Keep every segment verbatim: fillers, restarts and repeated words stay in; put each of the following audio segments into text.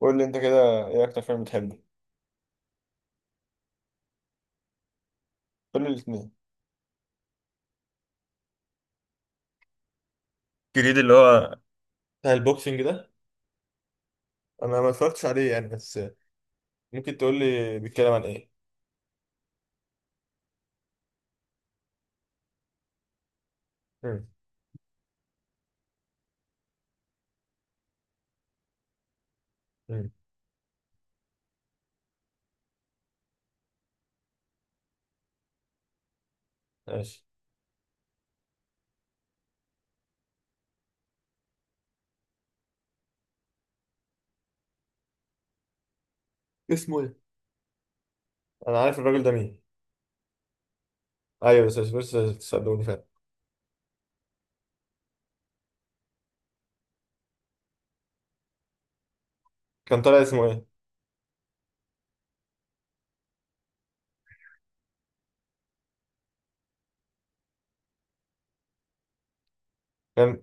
قول لي انت كده، ايه اكتر فيلم بتحبه؟ قول لي الاثنين. كريد اللي هو بتاع البوكسنج ده؟ انا ما اتفرجتش عليه يعني، بس ممكن تقول لي بيتكلم عن ايه؟ مم. مم. ماشي. اسمه ايه؟ انا عارف الراجل ده مين. ايوه، بس بس تصدقوني فعلا. كان طالع اسمه ايه؟ كان.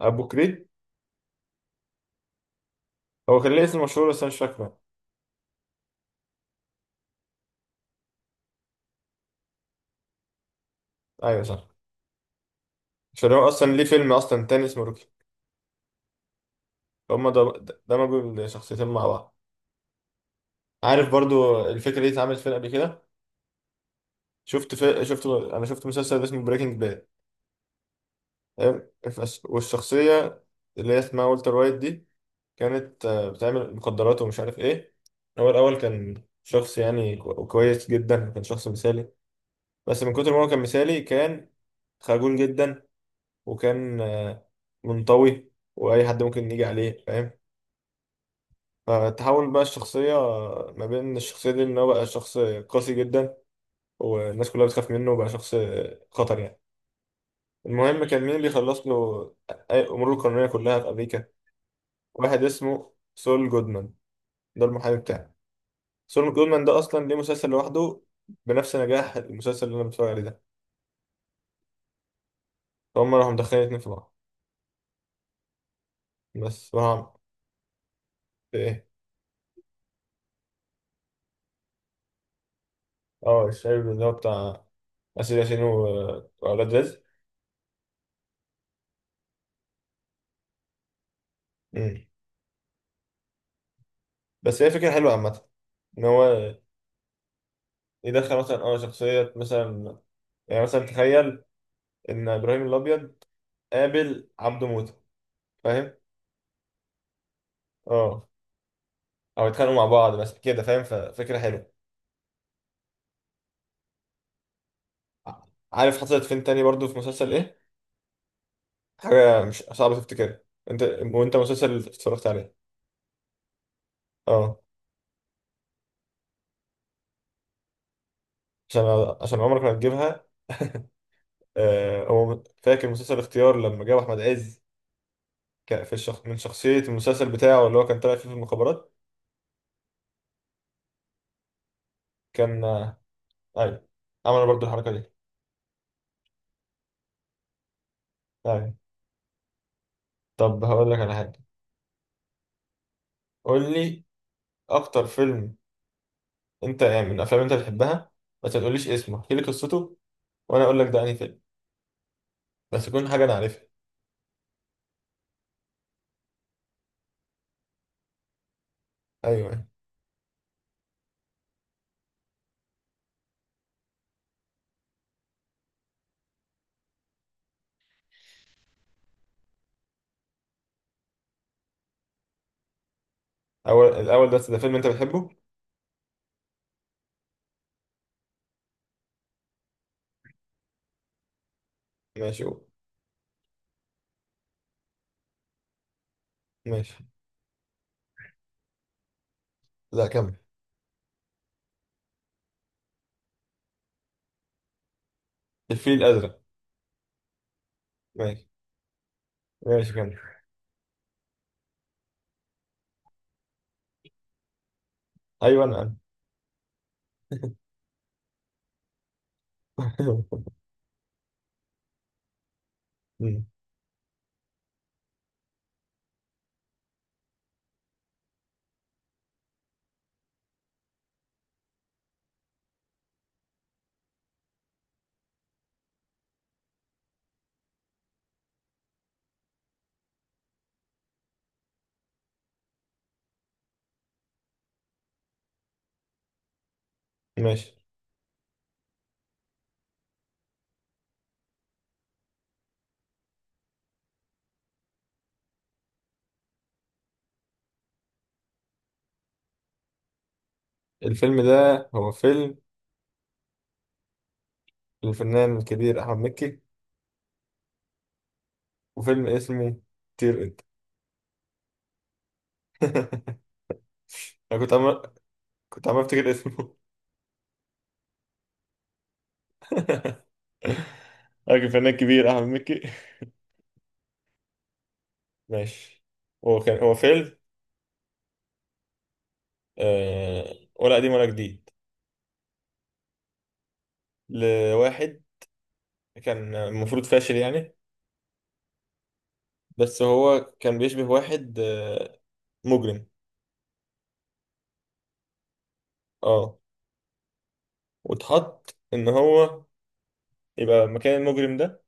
ابو كريد. هو كان ليه اسم مشهور بس انا مش فاكره. ايوه صح. عشان هو اصلا ليه فيلم اصلا تاني اسمه روكي. هما ده، دمجوا الشخصيتين مع بعض. عارف برضو الفكره دي اتعملت فين قبل كده؟ شفت في... شفت انا شفت مسلسل اسمه بريكنج باد. تمام؟ فس- والشخصية اللي هي اسمها والتر وايت دي، كانت آه، بتعمل مخدرات ومش عارف ايه. هو الأول كان شخص يعني كو- كويس جدا، كان شخص مثالي. بس من كتر ما هو كان مثالي، كان خجول جدا. وكان آه، منطوي، وأي حد ممكن يجي عليه، فاهم. فتحول بقى الشخصية آه، ما بين الشخصية دي، إن هو بقى شخص قاسي جدا. والناس كلها بتخاف منه، وبقى شخص آه، خطر يعني. المهم، كان مين بيخلص له أي أموره القانونية كلها في أمريكا؟ واحد اسمه سول جودمان، ده المحامي بتاعه. سول جودمان ده اصلا ليه مسلسل لوحده، بنفس نجاح المسلسل اللي انا بتفرج عليه ده. فهم راحوا مدخلين اتنين في بعض بس، وهم. ايه؟ اه، الشايب، اللي هو بتاع اسر ياسين و- واولاد رزق. مم. بس هي فكره حلوه عامه، ان هو يدخل مثلا اه، شخصيه مثلا. يعني مثلا تخيل ان ابراهيم الابيض قابل عبده موته، فاهم. اه، او يتخانقوا مع بعض بس كده، فاهم، ففكره حلوه. ع- عارف حصلت فين تاني برضو؟ في مسلسل ايه؟ حاجة مش صعبة تفتكرها انت، وانت مسلسل اتفرجت عليه. اه. عشان، عشان عمرك ما هتجيبها. آه، هو فاكر مسلسل اختيار لما جاب احمد عز، ك- في الشخ... من شخصية المسلسل بتاعه اللي هو كان طالع فيه في المخابرات؟ كان آه. ايوه، عمل برضو الحركة دي. ايوه. طب هقول لك على حاجة. قول لي اكتر فيلم انت يعني من الافلام اللي انت بتحبها، بس ما تقوليش اسمه، احكي لي قصته وانا اقول لك ده انهي فيلم. بس يكون حاجة انا عارفها. ايوه. اول الاول، بس ده فيلم انت بتحبه؟ ماشي قول. ماشي. لا كمل. الفيل الأزرق. ماشي ماشي كمل. أيوة، أنا أنا. مم. ماشي. الفيلم ده هو فيلم الفنان الكبير أحمد مكي، وفيلم اسمه طير أنت. أنا كنت عمال، كنت عمال أفتكر اسمه. راجل فنان كبير أحمد مكي. ماشي. هو كان، هو فيلم آه، ولا قديم ولا جديد، لواحد كان المفروض فاشل يعني. بس هو كان بيشبه واحد آه، مجرم. اه. واتحط إن هو يبقى مكان المجرم ده،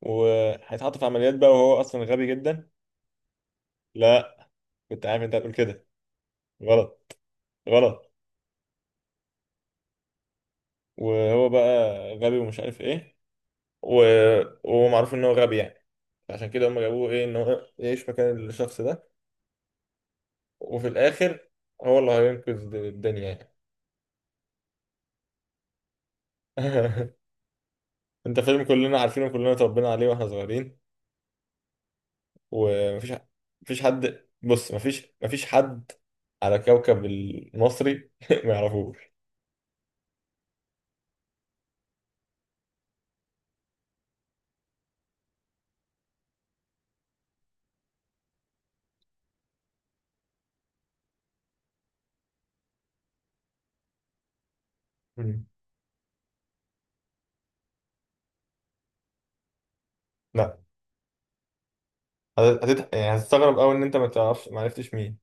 وهيتحط في عمليات بقى، وهو اصلا غبي جدا. لا. كنت عارف انت هتقول كده. غلط. غلط. وهو بقى غبي ومش عارف ايه، و... ومعروف ان هو غبي يعني. عشان كده هم جابوه ايه، ان هو يعيش مكان الشخص ده. وفي الاخر، هو اللي هينقذ الدنيا يعني. انت فيلم كلنا عارفينه، كلنا اتربينا عليه واحنا صغيرين. ومفيش، مفيش حد بص مفيش مفيش حد على كوكب المصري ما يعرفوش. مم. لا. هت... هت... يعني هتستغرب قوي ان انت ما تعرفش، ما عرفتش مين.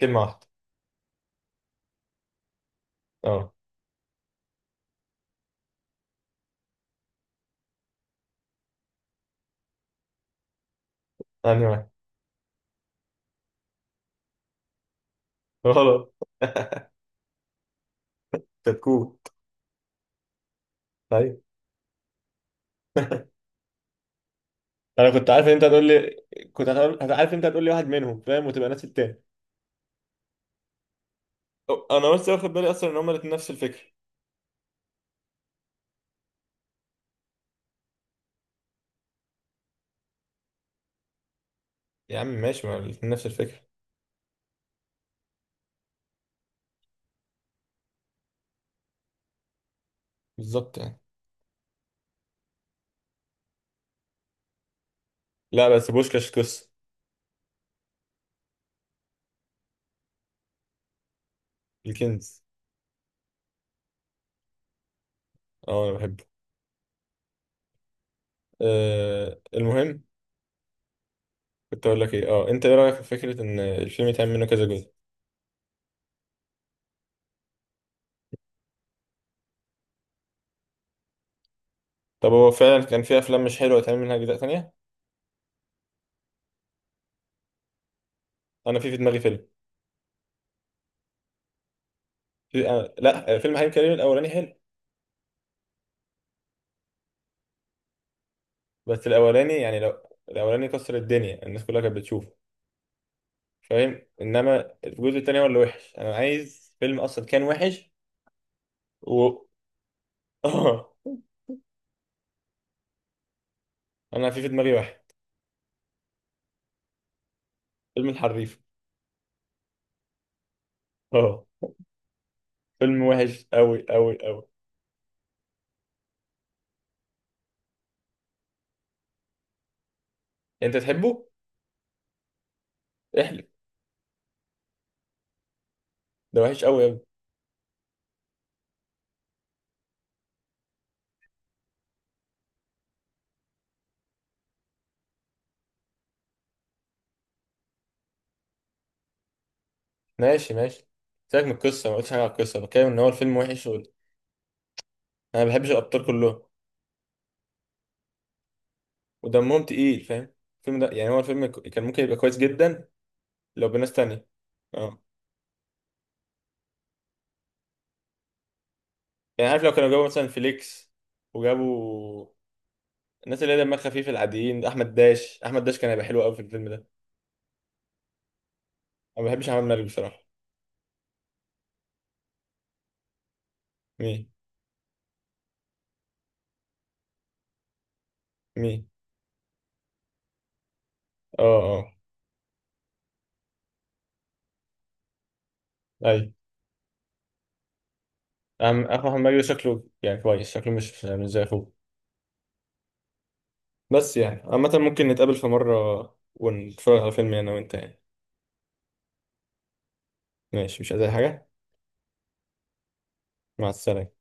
كلمه واحده. اه. انا واحد. غلط. كتكوت. طيب. انا كنت عارف ان انت هتقول لي، كنت هتقول، عارف ان انت هتقول لي واحد منهم فاهم، وتبقى نفس التاني. أو- انا بس واخد بالي اصلا ان هما الاتنين نفس الفكره. يا عم ماشي، ما الاتنين نفس الفكره. بالظبط يعني. لا بس بوشكاش قصه. الكنز. اه انا بحبه. آه، المهم. كنت اقول لك ايه. اه، انت ايه رايك في فكره ان الفيلم يتعمل منه كذا جزء؟ طب هو فعلا كان في افلام مش حلوه يتعمل منها اجزاء تانية؟ انا في في دماغي فيلم. في آه، لا، فيلم حريم كريم الاولاني حلو. بس الاولاني يعني، لو الاولاني كسر الدنيا الناس كلها كانت بتشوفه، فاهم. انما الجزء التاني هو اللي وحش. انا عايز فيلم اصلا كان وحش، و... اه. انا في في دماغي واحد. فيلم الحريف. اه. فيلم وحش قوي قوي قوي. انت تحبه؟ احلف. ده وحش قوي يا ابني. ماشي ماشي، سيبك من القصه، ما قلتش حاجه على القصه، بتكلم ان هو الفيلم وحش وال... انا ما بحبش الابطال كلهم ودمهم تقيل، فاهم. الفيلم ده يعني، هو الفيلم ك- كان ممكن يبقى كويس جدا لو بناس تانية. أه. يعني عارف، لو كانوا جابوا مثلا فليكس، وجابوا الناس اللي هي دمها خفيف العاديين، احمد داش، احمد داش كان هيبقى حلو قوي في الفيلم ده. انا ما بحبش احمد مالك بصراحه. مين؟ مين؟ اه اه. اي. أم- احمد مالك ده شكله يعني كويس، شكله مش يعني مش زي اخوه. بس يعني عامه، ممكن نتقابل في مره ونتفرج على فيلم انا وانت يعني. ماشي، مش عايز أي حاجه. مع السلامه.